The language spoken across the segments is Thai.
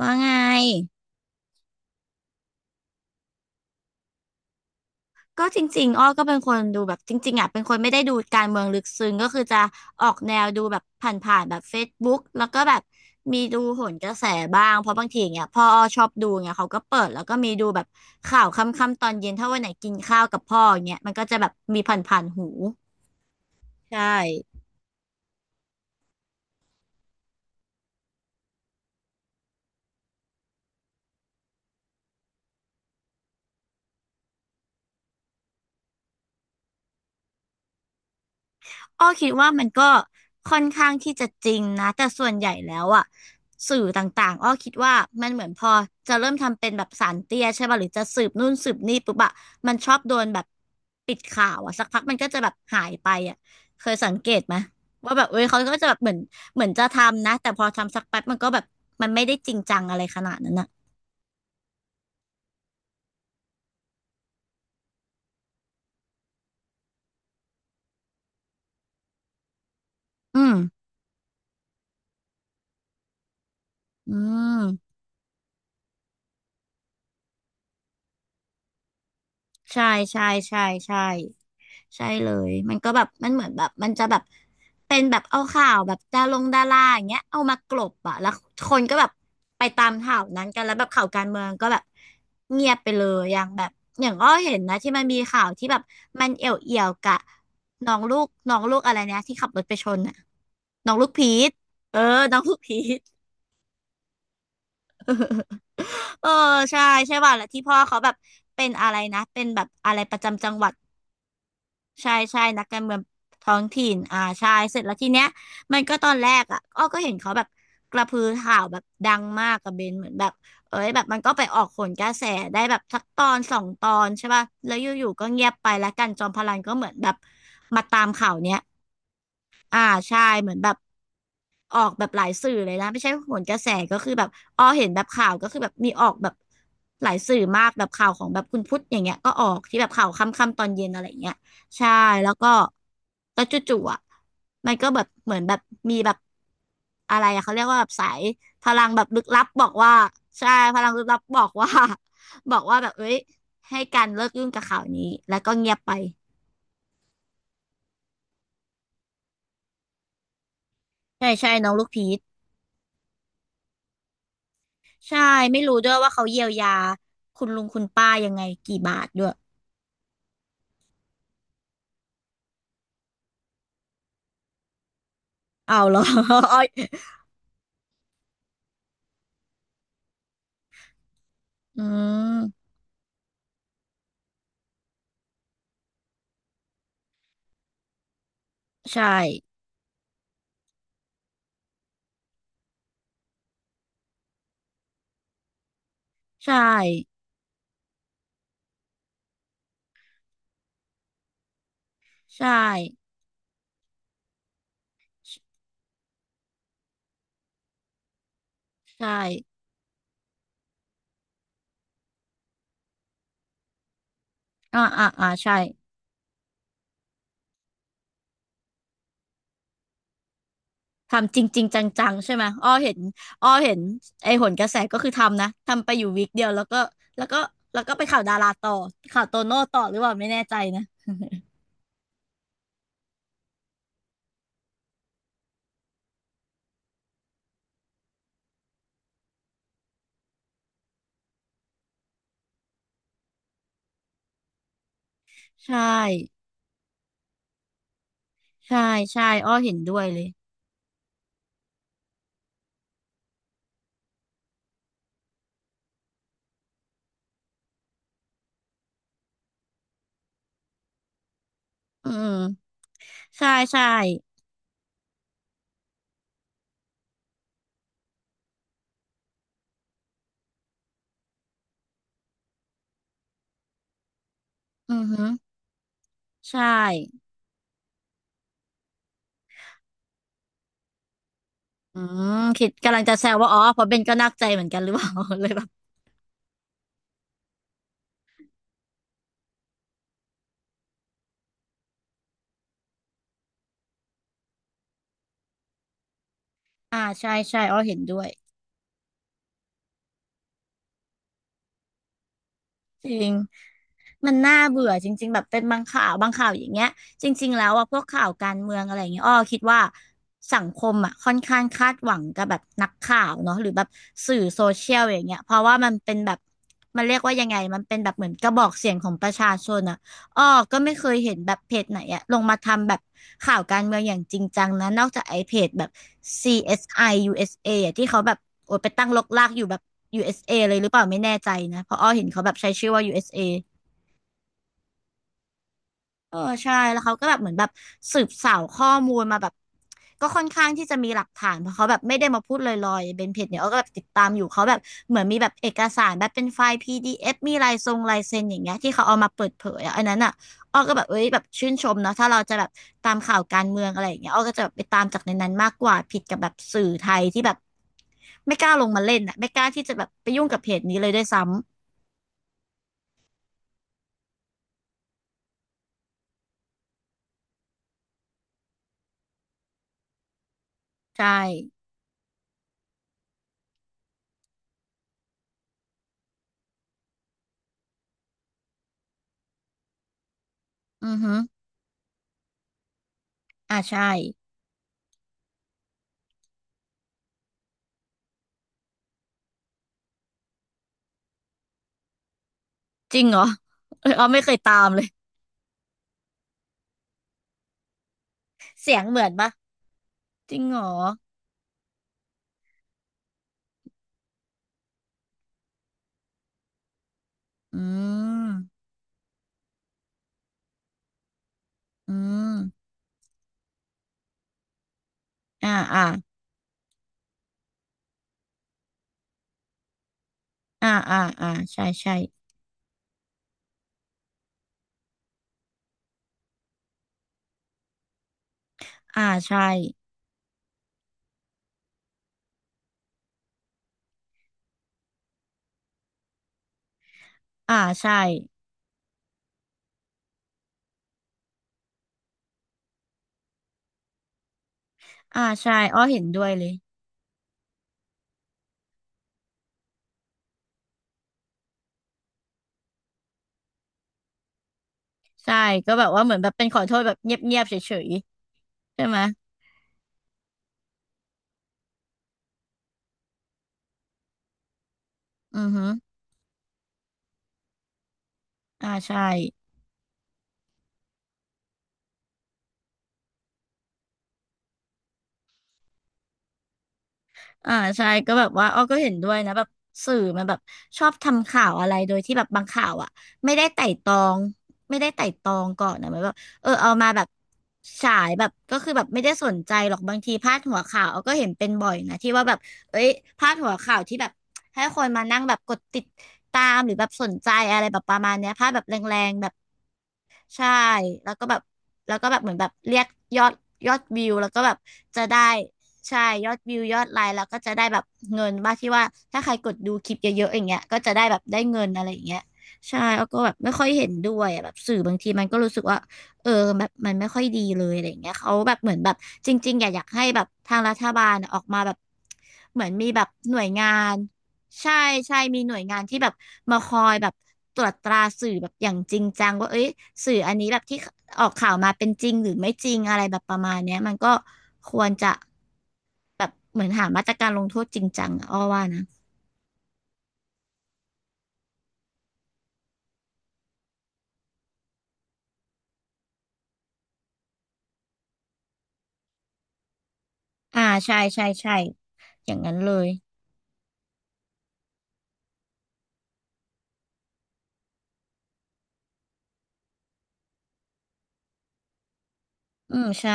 ว่าไงก็จริงๆอ้อก็เป็นคนดูแบบจริงๆอ่ะเป็นคนไม่ได้ดูการเมืองลึกซึ้งก็คือจะออกแนวดูแบบผ่านๆแบบ Facebook แล้วก็แบบมีดูโหนกระแสบ้างเพราะบางทีอย่างเงี้ยพ่ออ้อชอบดูเงี้ยเขาก็เปิดแล้วก็มีดูแบบข่าวค่ำๆตอนเย็นถ้าวันไหนกินข้าวกับพ่ออย่างเงี้ยมันก็จะแบบมีผ่านๆหูใช่ อ้อคิดว่ามันก็ค่อนข้างที่จะจริงนะแต่ส่วนใหญ่แล้วอะสื่อต่างๆอ้อคิดว่ามันเหมือนพอจะเริ่มทำเป็นแบบสารเตี้ยใช่ป่ะหรือจะสืบนู่นสืบนี่ปุ๊บอะมันชอบโดนแบบปิดข่าวอะสักพักมันก็จะแบบหายไปอะเคยสังเกตไหมว่าแบบเอ้ยเขาก็จะแบบเหมือนจะทำนะแต่พอทำสักแป๊บมันก็แบบมันไม่ได้จริงจังอะไรขนาดนั้นอะอืมอืมใช่ใช่ใช่ใช่ ใช่เลยมันก็แบบมันเหมือนแบบมันจะแบบเป็นแบบเอาข่าวแบบดารงดาราอย่างเงี้ยเอามากลบอะแล้วคนก็แบบไปตามข่าวนั้นกันแล้วแบบข่าวการเมืองก็แบบเงียบไปเลยอย่างแบบอย่างอ้อเห็นนะที่มันมีข่าวที่แบบมันเอี่ยวกะน้องลูกน้องลูกอะไรเนี่ยที่ขับรถไปชนอะน้องลูกพีทเออน้องลูกพีท เออใช่ใช่ป่ะแล้วที่พ่อเขาแบบเป็นอะไรนะเป็นแบบอะไรประจำจังหวัด ใช่ใช่นักการเมืองท้องถิ่นอ่าใช่เสร็จแล้วทีเนี้ยมันก็ตอนแรกอ่ะอ้อก็เห็นเขาแบบกระพือข่าวแบบดังมากกับเบนเหมือนแบบเอ้ยแบบมันก็ไปออกโหนกระแสได้แบบสักตอนสองตอนใช่ป่ะแล้วอยู่ๆก็เงียบไปแล้วกันจอมพลันก็เหมือนแบบมาตามข่าวเนี้ยอ่าใช่เหมือนแบบ ออกแบบหลายสื่อเลยนะไม่ใช่ผลกระแสก็คือแบบอ้อเห็นแบบข่าวก็คือแบบมีออกแบบหลายสื่อมากแบบข่าวของแบบคุณพุทธอย่างเงี้ยก็ออกที่แบบข่าวค่ำๆตอนเย็นอะไรอย่างเงี้ยใช่แล้วก็แล้วจู่ๆอ่ะมันก็แบบเหมือนแบบมีแบบอะไรอะเขาเรียกว่าแบบสายพลังแบบลึกลับบอกว่าใช่พลังลึกลับบอกว่า บอกว่าแบบเอ้ยให้การเลิกยุ่งกับข่าวนี้แล้วก็เงียบไปใช่ใช่น้องลูกพีช ใช่ไม่รู้ด้วยว่าเขาเยียวยาคุณลุงคุณป้ายังไงกี่บาทด้วยเอาเหรอ อืมใช่ใช่ใช่ใช่อ่าอ่าอ่าใช่ทำจริงจริงจังๆใช่ไหมอ้อเห็นอ้อเห็นไอ้หนกระแสก็คือทำนะทำไปอยู่วีคเดียวแล้วก็แล้วก็ไปข่าวดาราต่อข่าวโตโน่ต่อหรือเปล่าไม่แน่ใจนะใช่ใช่ใช่อ้อเห็นด้วยเลยอืมใช่ใช่อือฮึใช่ อืมคิดกำลังจะแซวว่าอ๋อเพราะเบนก็นักใจเหมือนกันหรือเปล่า เลยแบบอ่าใช่ใช่อ๋อเห็นด้วยจริงมันน่าเบื่อจริงๆแบบเป็นบางข่าวบางข่าวอย่างเงี้ยจริงๆแล้วอ่ะพวกข่าวการเมืองอะไรอย่างเงี้ยอ้อคิดว่าสังคมอ่ะค่อนข้างคาดหวังกับแบบนักข่าวเนาะหรือแบบสื่อโซเชียลอย่างเงี้ยเพราะว่ามันเป็นแบบมันเรียกว่ายังไงมันเป็นแบบเหมือนกระบอกเสียงของประชาชนอ่ะ อ้อก็ไม่เคยเห็นแบบเพจไหนอะลงมาทำแบบข่าวการเมืองอย่างจริงจังนะนอกจากไอ้เพจแบบ CSI USA อสไอยูเอสเออะที่เขาแบบโอยไปตั้งรกรากอยู่แบบ USA เอสเอเลยหรือเปล่าไม่แน่ใจนะเพราะอ้อเห็นเขาแบบใช้ชื่อว่า USA เออใช่แล้วเขาก็แบบเหมือนแบบสืบสาวข้อมูลมาแบบก็ค่อนข้างที่จะมีหลักฐานเพราะเขาแบบไม่ได้มาพูดลอยๆเบนเพจเนี่ยเขาก็แบบติดตามอยู่เขาแบบเหมือนมีแบบเอกสารแบบเป็นไฟล์ PDF มีลายทรงลายเซ็นอย่างเงี้ยที่เขาเอามาเปิดเผยอะอันนั้นอ่ะอ้อก็แบบเอ้ยแบบชื่นชมเนาะถ้าเราจะแบบตามข่าวการเมืองอะไรอย่างเงี้ยอ้อก็จะแบบไปตามจากในนั้นมากกว่าผิดกับแบบสื่อไทยที่แบบไม่กล้าลงมาเล่นอ่ะไม่กล้าที่จะแบบไปยุ่งกับเพจนี้เลยด้วยซ้ำใช่อือฮึอ่าใช่ จริงเหรอเอยอ๋อไม่เคยตามเลย เสียงเหมือนปะจริงเหรออืมอืมอ่าอ่าอ่าอ่าอ่าใช่ใช่อ่าใช่อ่าใช่อ่าใช่อ้อเห็นด้วยเลยใช่ก็แบบว่าเหมือนแบบเป็นขอโทษแบบเงียบๆเฉยๆใช่ไหมอือฮึอ่าใช่ อ่าใช่ก็แบบว่าอ้อก็เห็นด้วยนะแบบสื่อมันแบบชอบทำข่าวอะไรโดยที่แบบบางข่าวอ่ะไม่ได้ไต่ตองไม่ได้ไต่ตองก่อนนะมันแบบเออเอามาแบบฉายแบบก็คือแบบไม่ได้สนใจหรอกบางทีพาดหัวข่าวอ้อก็เห็นเป็นบ่อยนะที่ว่าแบบเอ้ยพาดหัวข่าวที่แบบให้คนมานั่งแบบกดติดตามหรือแบบสนใจอะไรแบบประมาณเนี้ยพาดแบบแรงๆแบบ ใช่แล้วก็แบบเหมือนแบบเรียกยอดวิวแล้วก็แบบจะได้ใช่ยอดวิวยอดไลค์แล้วก็จะได้แบบเงินบ้างที่ว่าถ้าใครกดดูคลิปเยอะๆอย่างเงี้ยก็จะได้แบบได้เงินอะไรอย่างเงี้ยใช่แล้วก็แบบไม่ค่อยเห็นด้วยอะแบบสื่อบางทีมันก็รู้สึกว่าเออแบบมันไม่ค่อยดีเลยอะไรอย่างเงี้ยเขาแบบเหมือนแบบจริงๆอยากให้แบบทางรัฐบาลอะออกมาแบบเหมือนมีแบบหน่วยงาน ใช่ใช่มีหน่วยงานที่แบบมาคอยแบบตรวจตราสื่อแบบอย่างจริงจังว่าเอ้ยสื่ออันนี้แบบที่ออกข่าวมาเป็นจริงหรือไม่จริงอะไรแบบประมาณเนี้ยมันก็ควรจะแบบเหมือนหามาตรการลงโทษจริงจังอะอ้อว่านะอ่าใช่ใช่ใช่อย่างนั้นเลยอืมใช่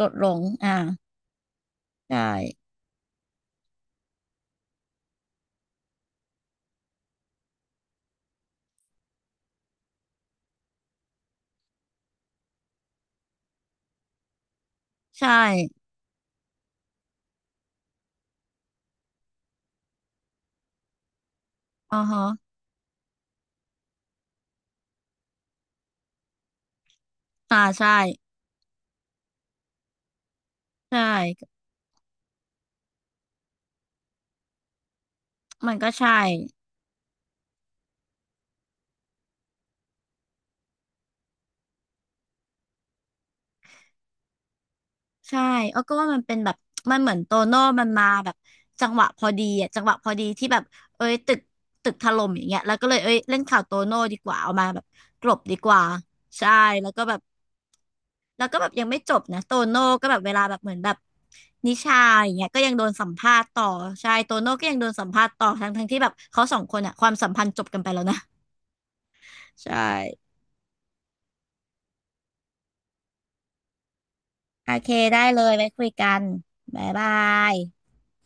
กดลงอ่าใช่ใช่อ๋อฮะอ่าใช่ใช่มันก็ใช่ ใช่เออก็ว่ามันเป็นแบบมันเหมือนโตโน่มันมาแบบจังหวะพอดีอ่ะจังหวะพอดีที่แบบเอ้ยตึกถล่มอย่างเงี้ยแล้วก็เลยเอ้ยเล่นข่าวโตโน่ดีกว่าเอามาแบบกลบดีกว่าใช่ แล้วก็แบบยังไม่จบนะโตโน่ก็แบบเวลาแบบเหมือนแบบนิชาอย่างเงี้ยก็ยังโดนสัมภาษณ์ต่อใช่โตโน่ก็ยังโดนสัมภาษณ์ต่อทั้งที่แบบเขาสองคนอ่ะความสัมพันธ์จบกันไปแล้วนะใช่โอเคได้เลยไว้คุยกันบ๊ายบาย